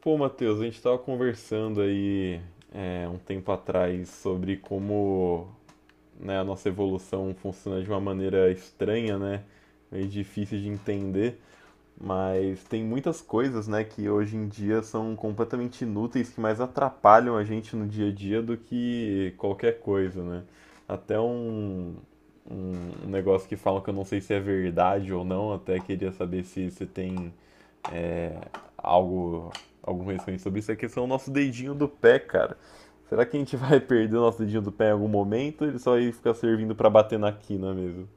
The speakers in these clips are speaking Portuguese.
Pô, Matheus, a gente estava conversando aí um tempo atrás sobre como, né, a nossa evolução funciona de uma maneira estranha, né? Meio difícil de entender, mas tem muitas coisas, né, que hoje em dia são completamente inúteis, que mais atrapalham a gente no dia a dia do que qualquer coisa, né? Até um negócio que falam que eu não sei se é verdade ou não, até queria saber se você tem algo, algum conhecimento sobre isso, é a questão do nosso dedinho do pé, cara. Será que a gente vai perder o nosso dedinho do pé em algum momento? Ele só vai ficar servindo pra bater na quina mesmo?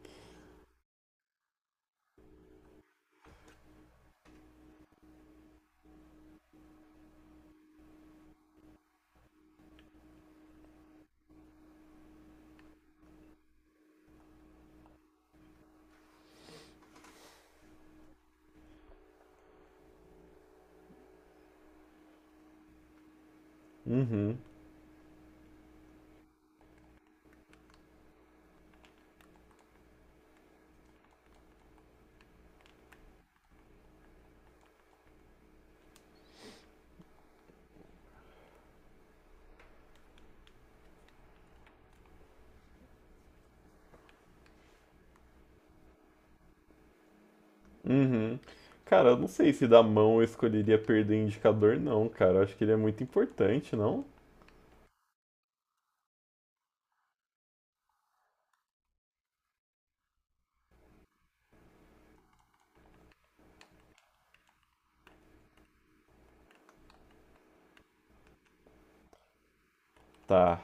Uhum, uhum. Cara, eu não sei se da mão eu escolheria perder o indicador, não, cara. Eu acho que ele é muito importante, não? Tá.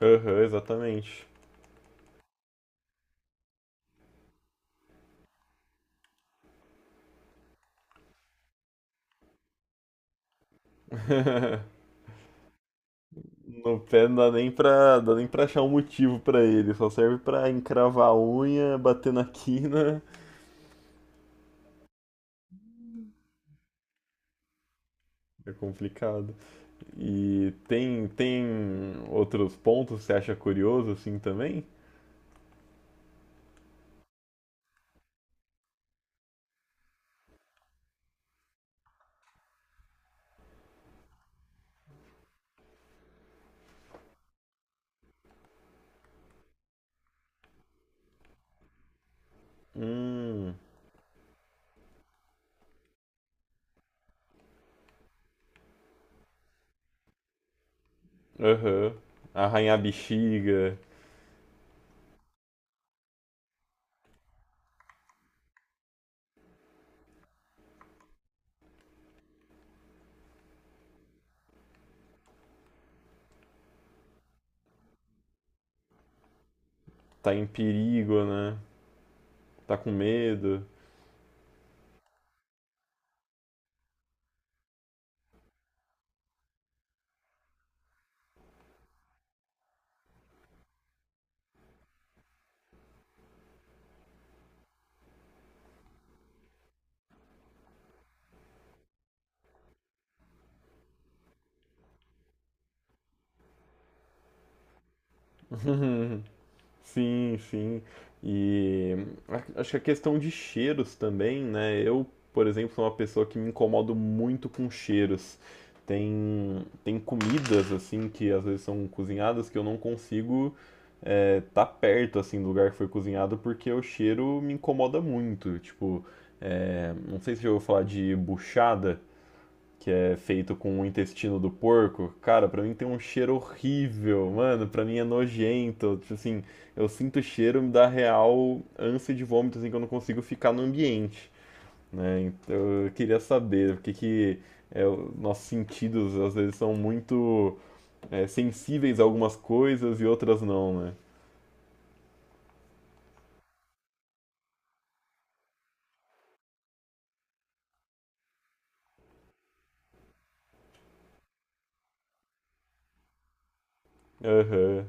Aham, exatamente. No pé não dá nem pra achar um motivo pra ele. Só serve pra encravar a unha, bater na quina. É complicado. E tem outros pontos que você acha curioso assim também? Hum, aham. Arranhar a bexiga, tá em perigo, né? Tá com medo. Sim, sim. E acho que a questão de cheiros também, né? Eu, por exemplo, sou uma pessoa que me incomodo muito com cheiros. Tem, tem comidas, assim, que às vezes são cozinhadas que eu não consigo tá perto, assim, do lugar que foi cozinhado porque o cheiro me incomoda muito. Tipo, não sei se eu vou falar de buchada, que é feito com o intestino do porco. Cara, pra mim tem um cheiro horrível, mano, pra mim é nojento, tipo assim, eu sinto o cheiro, me dá real ânsia de vômito, assim, que eu não consigo ficar no ambiente, né. Então eu queria saber porque que nossos sentidos às vezes são muito, sensíveis a algumas coisas e outras não, né. Aham,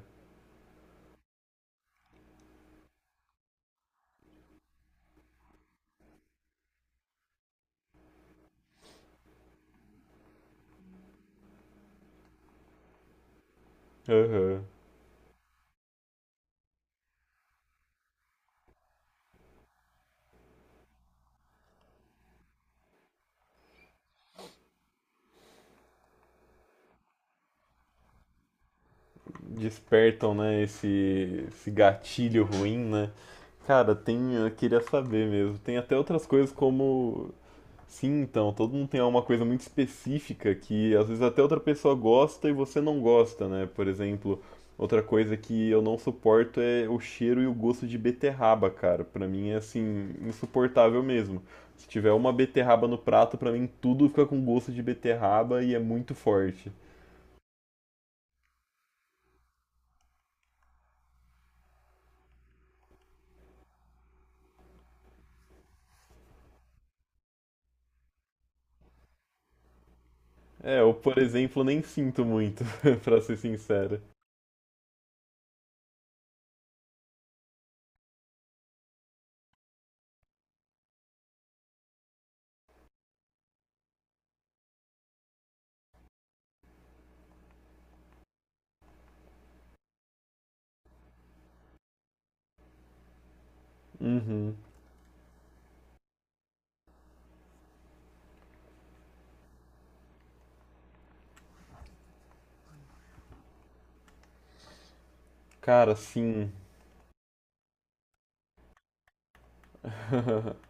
aham. Despertam, né, esse gatilho ruim, né? Cara, tem, eu queria saber mesmo. Tem até outras coisas como, sim. Então, todo mundo tem uma coisa muito específica que às vezes até outra pessoa gosta e você não gosta, né? Por exemplo, outra coisa que eu não suporto é o cheiro e o gosto de beterraba, cara. Pra mim é assim, insuportável mesmo. Se tiver uma beterraba no prato, pra mim tudo fica com gosto de beterraba e é muito forte. É, eu, por exemplo, nem sinto muito, pra ser sincero. Uhum. Cara, sim.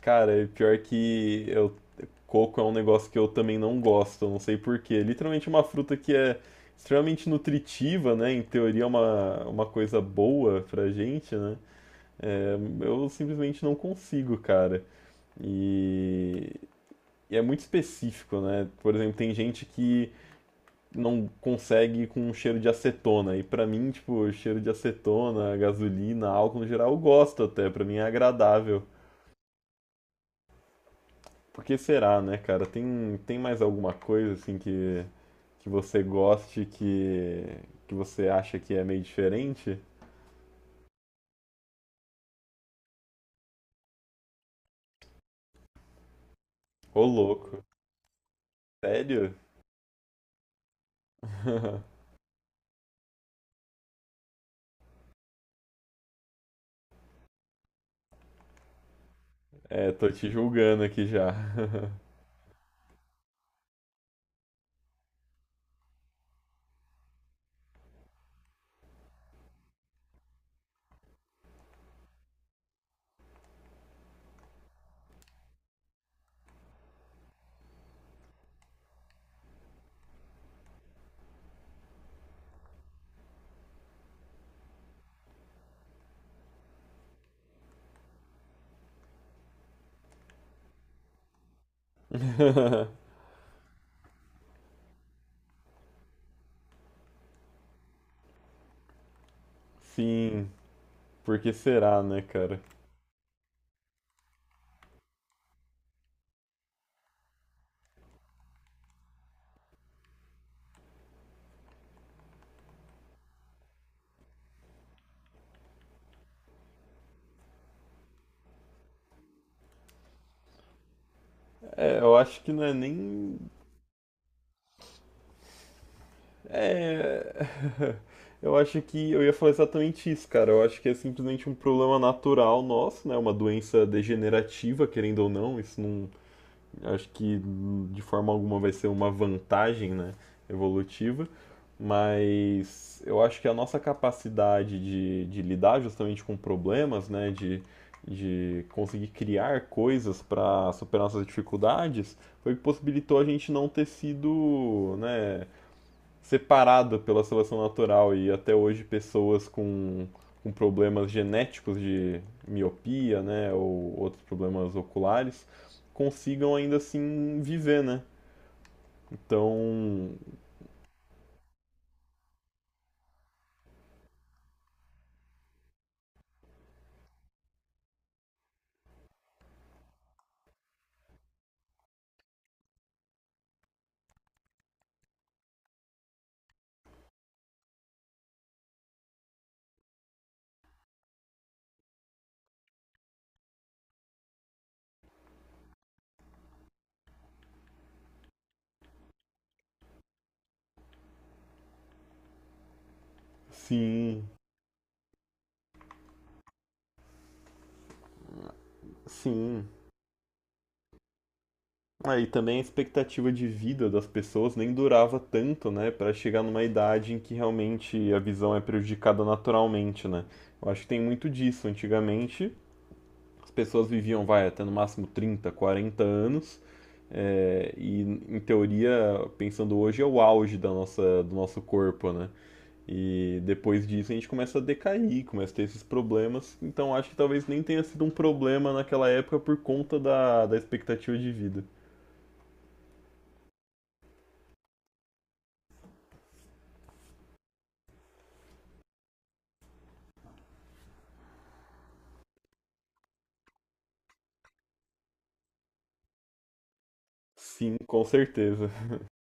Cara, e pior que eu, coco é um negócio que eu também não gosto, eu não sei por quê. Literalmente uma fruta que é extremamente nutritiva, né? Em teoria é uma coisa boa pra gente, né? É, eu simplesmente não consigo, cara. E, e é muito específico, né? Por exemplo, tem gente que não consegue com um cheiro de acetona. E pra mim, tipo, cheiro de acetona, gasolina, álcool no geral, eu gosto até, pra mim é agradável. Por que será, né, cara? Tem, tem mais alguma coisa assim que você goste, que você acha que é meio diferente? Ô, louco. Sério? É, tô te julgando aqui já. Sim, por que será, né, cara? É, eu acho que não é nem É, eu acho que eu ia falar exatamente isso, cara. Eu acho que é simplesmente um problema natural nosso, né? Uma doença degenerativa, querendo ou não. Isso não, acho que de forma alguma vai ser uma vantagem, né? Evolutiva. Mas eu acho que a nossa capacidade de lidar justamente com problemas, né? De conseguir criar coisas para superar nossas dificuldades foi o que possibilitou a gente não ter sido, né, separada pela seleção natural. E até hoje pessoas com problemas genéticos de miopia, né, ou outros problemas oculares, consigam ainda assim viver, né? Então, sim, sim. Aí ah, também a expectativa de vida das pessoas nem durava tanto, né, para chegar numa idade em que realmente a visão é prejudicada naturalmente, né? Eu acho que tem muito disso. Antigamente, as pessoas viviam, vai, até no máximo 30, 40 anos. É, e, em teoria, pensando hoje, é o auge da nossa, do nosso corpo, né? E depois disso a gente começa a decair, começa a ter esses problemas. Então acho que talvez nem tenha sido um problema naquela época por conta da, da expectativa de vida. Sim, com certeza.